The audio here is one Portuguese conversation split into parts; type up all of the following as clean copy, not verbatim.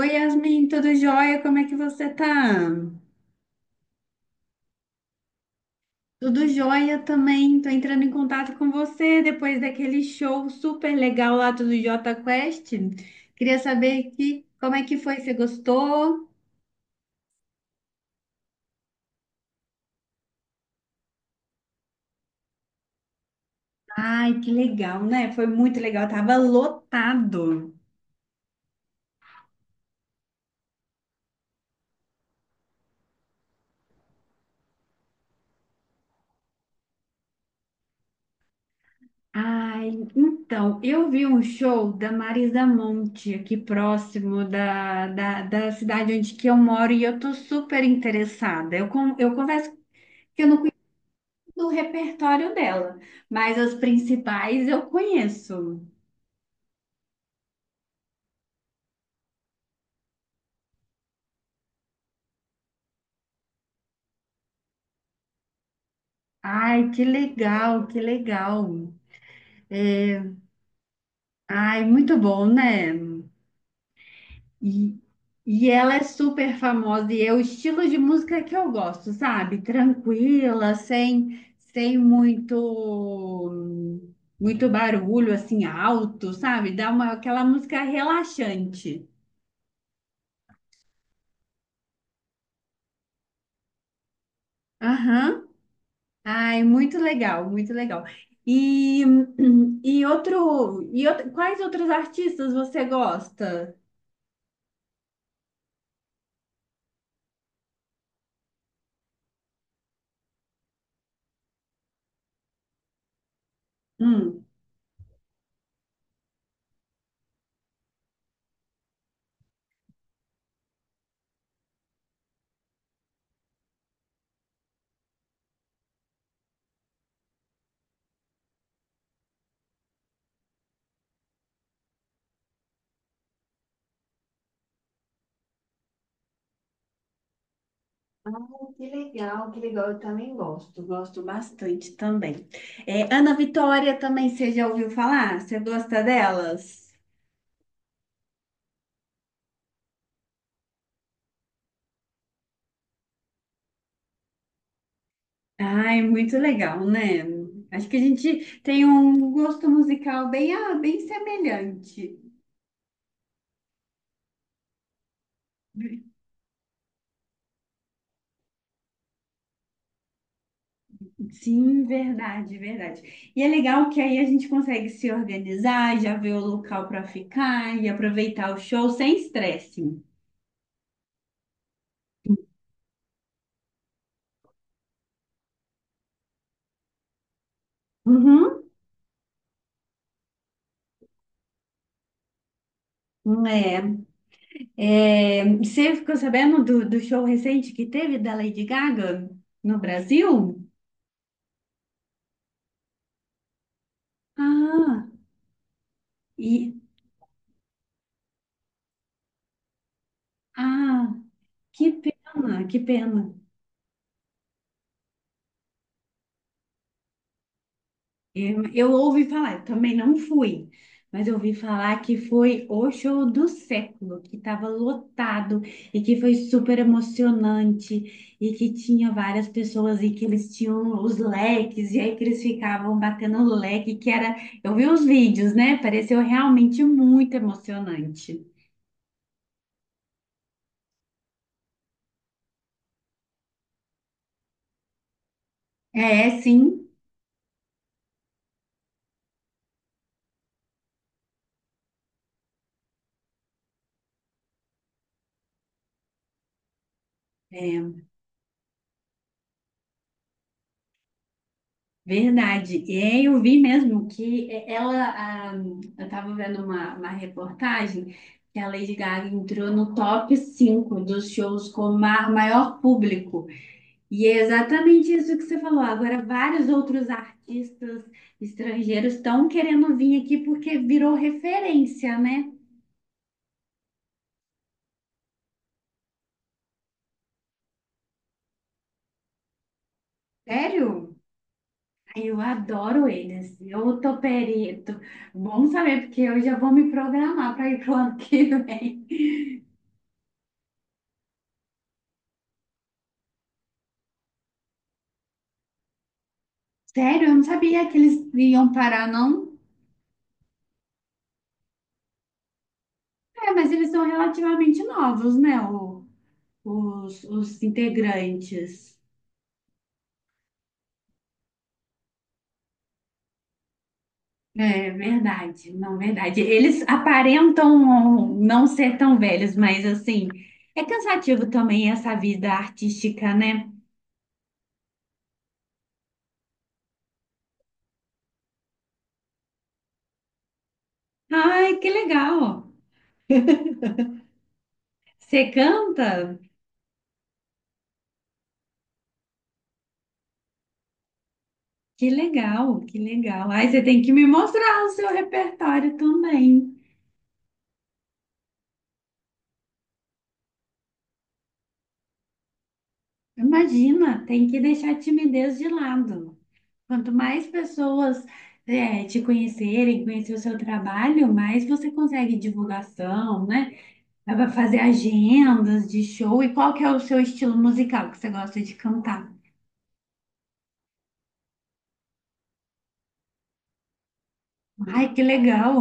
Oi, Yasmin, tudo jóia? Como é que você tá? Tudo jóia também. Tô entrando em contato com você depois daquele show super legal lá do Jota Quest. Queria saber que, como é que foi? Você gostou? Ai, que legal, né? Foi muito legal. Tava lotado. Ai, então, eu vi um show da Marisa Monte aqui próximo da cidade onde que eu moro e eu tô super interessada. Eu converso que eu não do repertório dela, mas as principais eu conheço. Ai, que legal, que legal. É, ai, muito bom, né? E, e ela é super famosa e é o estilo de música que eu gosto, sabe? Tranquila, sem muito, muito barulho, assim, alto, sabe? Dá uma, aquela música relaxante. Aham. Ai, muito legal, muito legal. E, quais outros artistas você gosta? Hum, Pô, que legal, que legal. Eu também gosto, gosto bastante também. É, Ana Vitória também, você já ouviu falar? Você gosta delas? Ai, muito legal, né? Acho que a gente tem um gosto musical bem, ah, bem semelhante. Sim, verdade, verdade. E é legal que aí a gente consegue se organizar, já ver o local para ficar e aproveitar o show sem estresse. Uhum. É, é, você ficou sabendo do show recente que teve da Lady Gaga no Brasil? Ah, e ah, que pena, que pena. Eu ouvi falar, eu também não fui, mas eu ouvi falar que foi o show do século, que estava lotado e que foi super emocionante e que tinha várias pessoas e que eles tinham os leques e aí que eles ficavam batendo o leque, que era, eu vi os vídeos, né? Pareceu realmente muito emocionante. É, sim. É, verdade. E aí eu vi mesmo que ela, ah, eu estava vendo uma reportagem que a Lady Gaga entrou no top 5 dos shows com maior público. E é exatamente isso que você falou. Agora, vários outros artistas estrangeiros estão querendo vir aqui porque virou referência, né? Sério? Ai, eu adoro eles. Eu tô perito. Bom saber, porque eu já vou me programar para ir pro ano que vem. Sério, eu não sabia que eles iam parar, não. É, mas eles são relativamente novos, né? Os integrantes. É verdade, não, verdade. Eles aparentam não ser tão velhos, mas assim, é cansativo também essa vida artística, né? Ai, que legal! Você canta? Que legal, que legal. Ai, você tem que me mostrar o seu repertório também. Imagina, tem que deixar a timidez de lado. Quanto mais pessoas é, te conhecerem, conhecer o seu trabalho, mais você consegue divulgação, né? Dá pra fazer agendas de show. E qual que é o seu estilo musical que você gosta de cantar? Ai, que legal!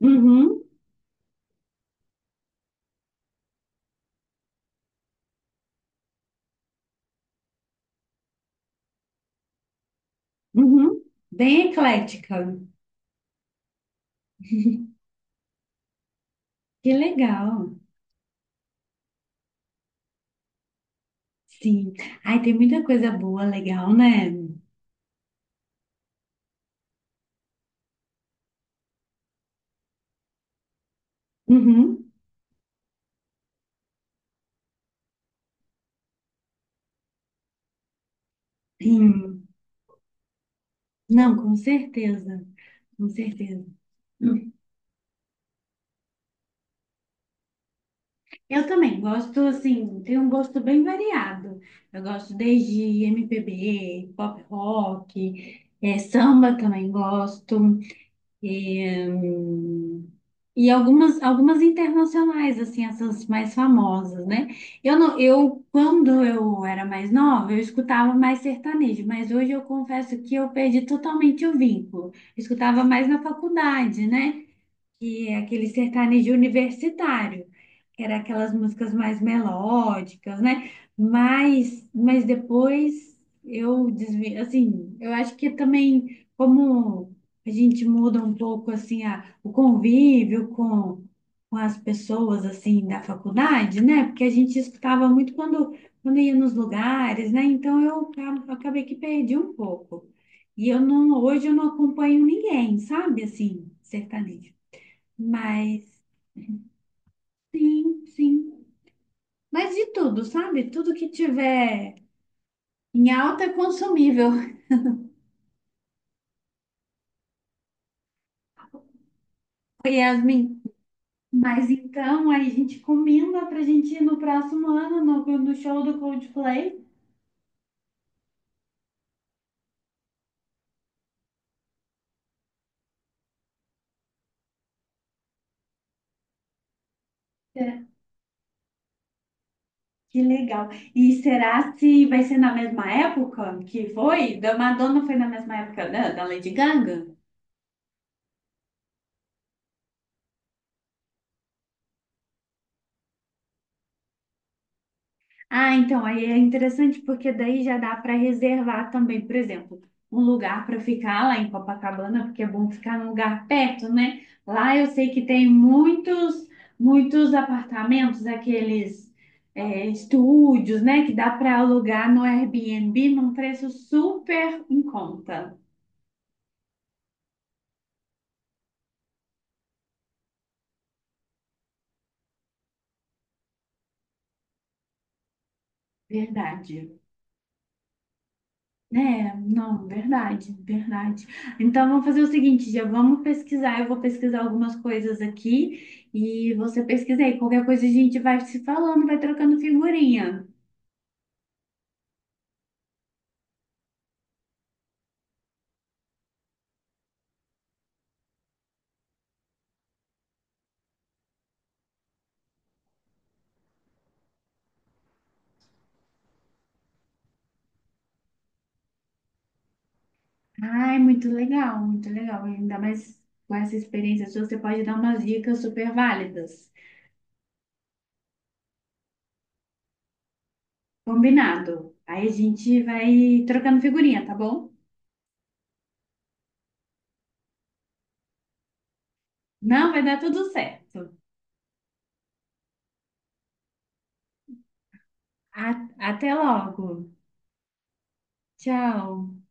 Uhum, uhum. Bem eclética. Que legal. Sim. Ai, tem muita coisa boa, legal, né? Uhum. Sim. Não, com certeza. Com certeza. Eu também gosto, assim, tem um gosto bem variado. Eu gosto desde MPB, pop rock, samba também gosto. E, hum, e algumas internacionais, assim, essas mais famosas, né? Eu, não, eu, quando eu era mais nova, eu escutava mais sertanejo, mas hoje eu confesso que eu perdi totalmente o vínculo. Eu escutava mais na faculdade, né? Que é aquele sertanejo universitário, que era aquelas músicas mais melódicas, né? Mas depois eu desvi, assim, eu acho que também como a gente muda um pouco assim a, o convívio com as pessoas assim da faculdade, né? Porque a gente escutava muito quando ia nos lugares, né? Então eu acabei que perdi um pouco. E eu não, hoje eu não acompanho ninguém, sabe? Assim, sertanejo. Mas sim, sim. Mas de tudo, sabe? Tudo que tiver em alta é consumível, Yasmin. Mas então aí a gente combina pra gente ir no próximo ano no, no show do Coldplay. É, que legal. E será se vai ser na mesma época que foi? Da Madonna foi na mesma época da Lady Gaga? Ah, então, aí é interessante porque daí já dá para reservar também, por exemplo, um lugar para ficar lá em Copacabana, porque é bom ficar num lugar perto, né? Lá eu sei que tem muitos, muitos apartamentos, aqueles é, estúdios, né? Que dá para alugar no Airbnb num preço super em conta. Verdade. É, não, verdade, verdade. Então vamos fazer o seguinte, já vamos pesquisar. Eu vou pesquisar algumas coisas aqui e você pesquisa aí. Qualquer coisa a gente vai se falando, vai trocando figurinha. Ai, muito legal, muito legal. Ainda mais com essa experiência sua, você pode dar umas dicas super válidas. Combinado. Aí a gente vai trocando figurinha, tá bom? Não, vai dar tudo certo. Até logo. Tchau.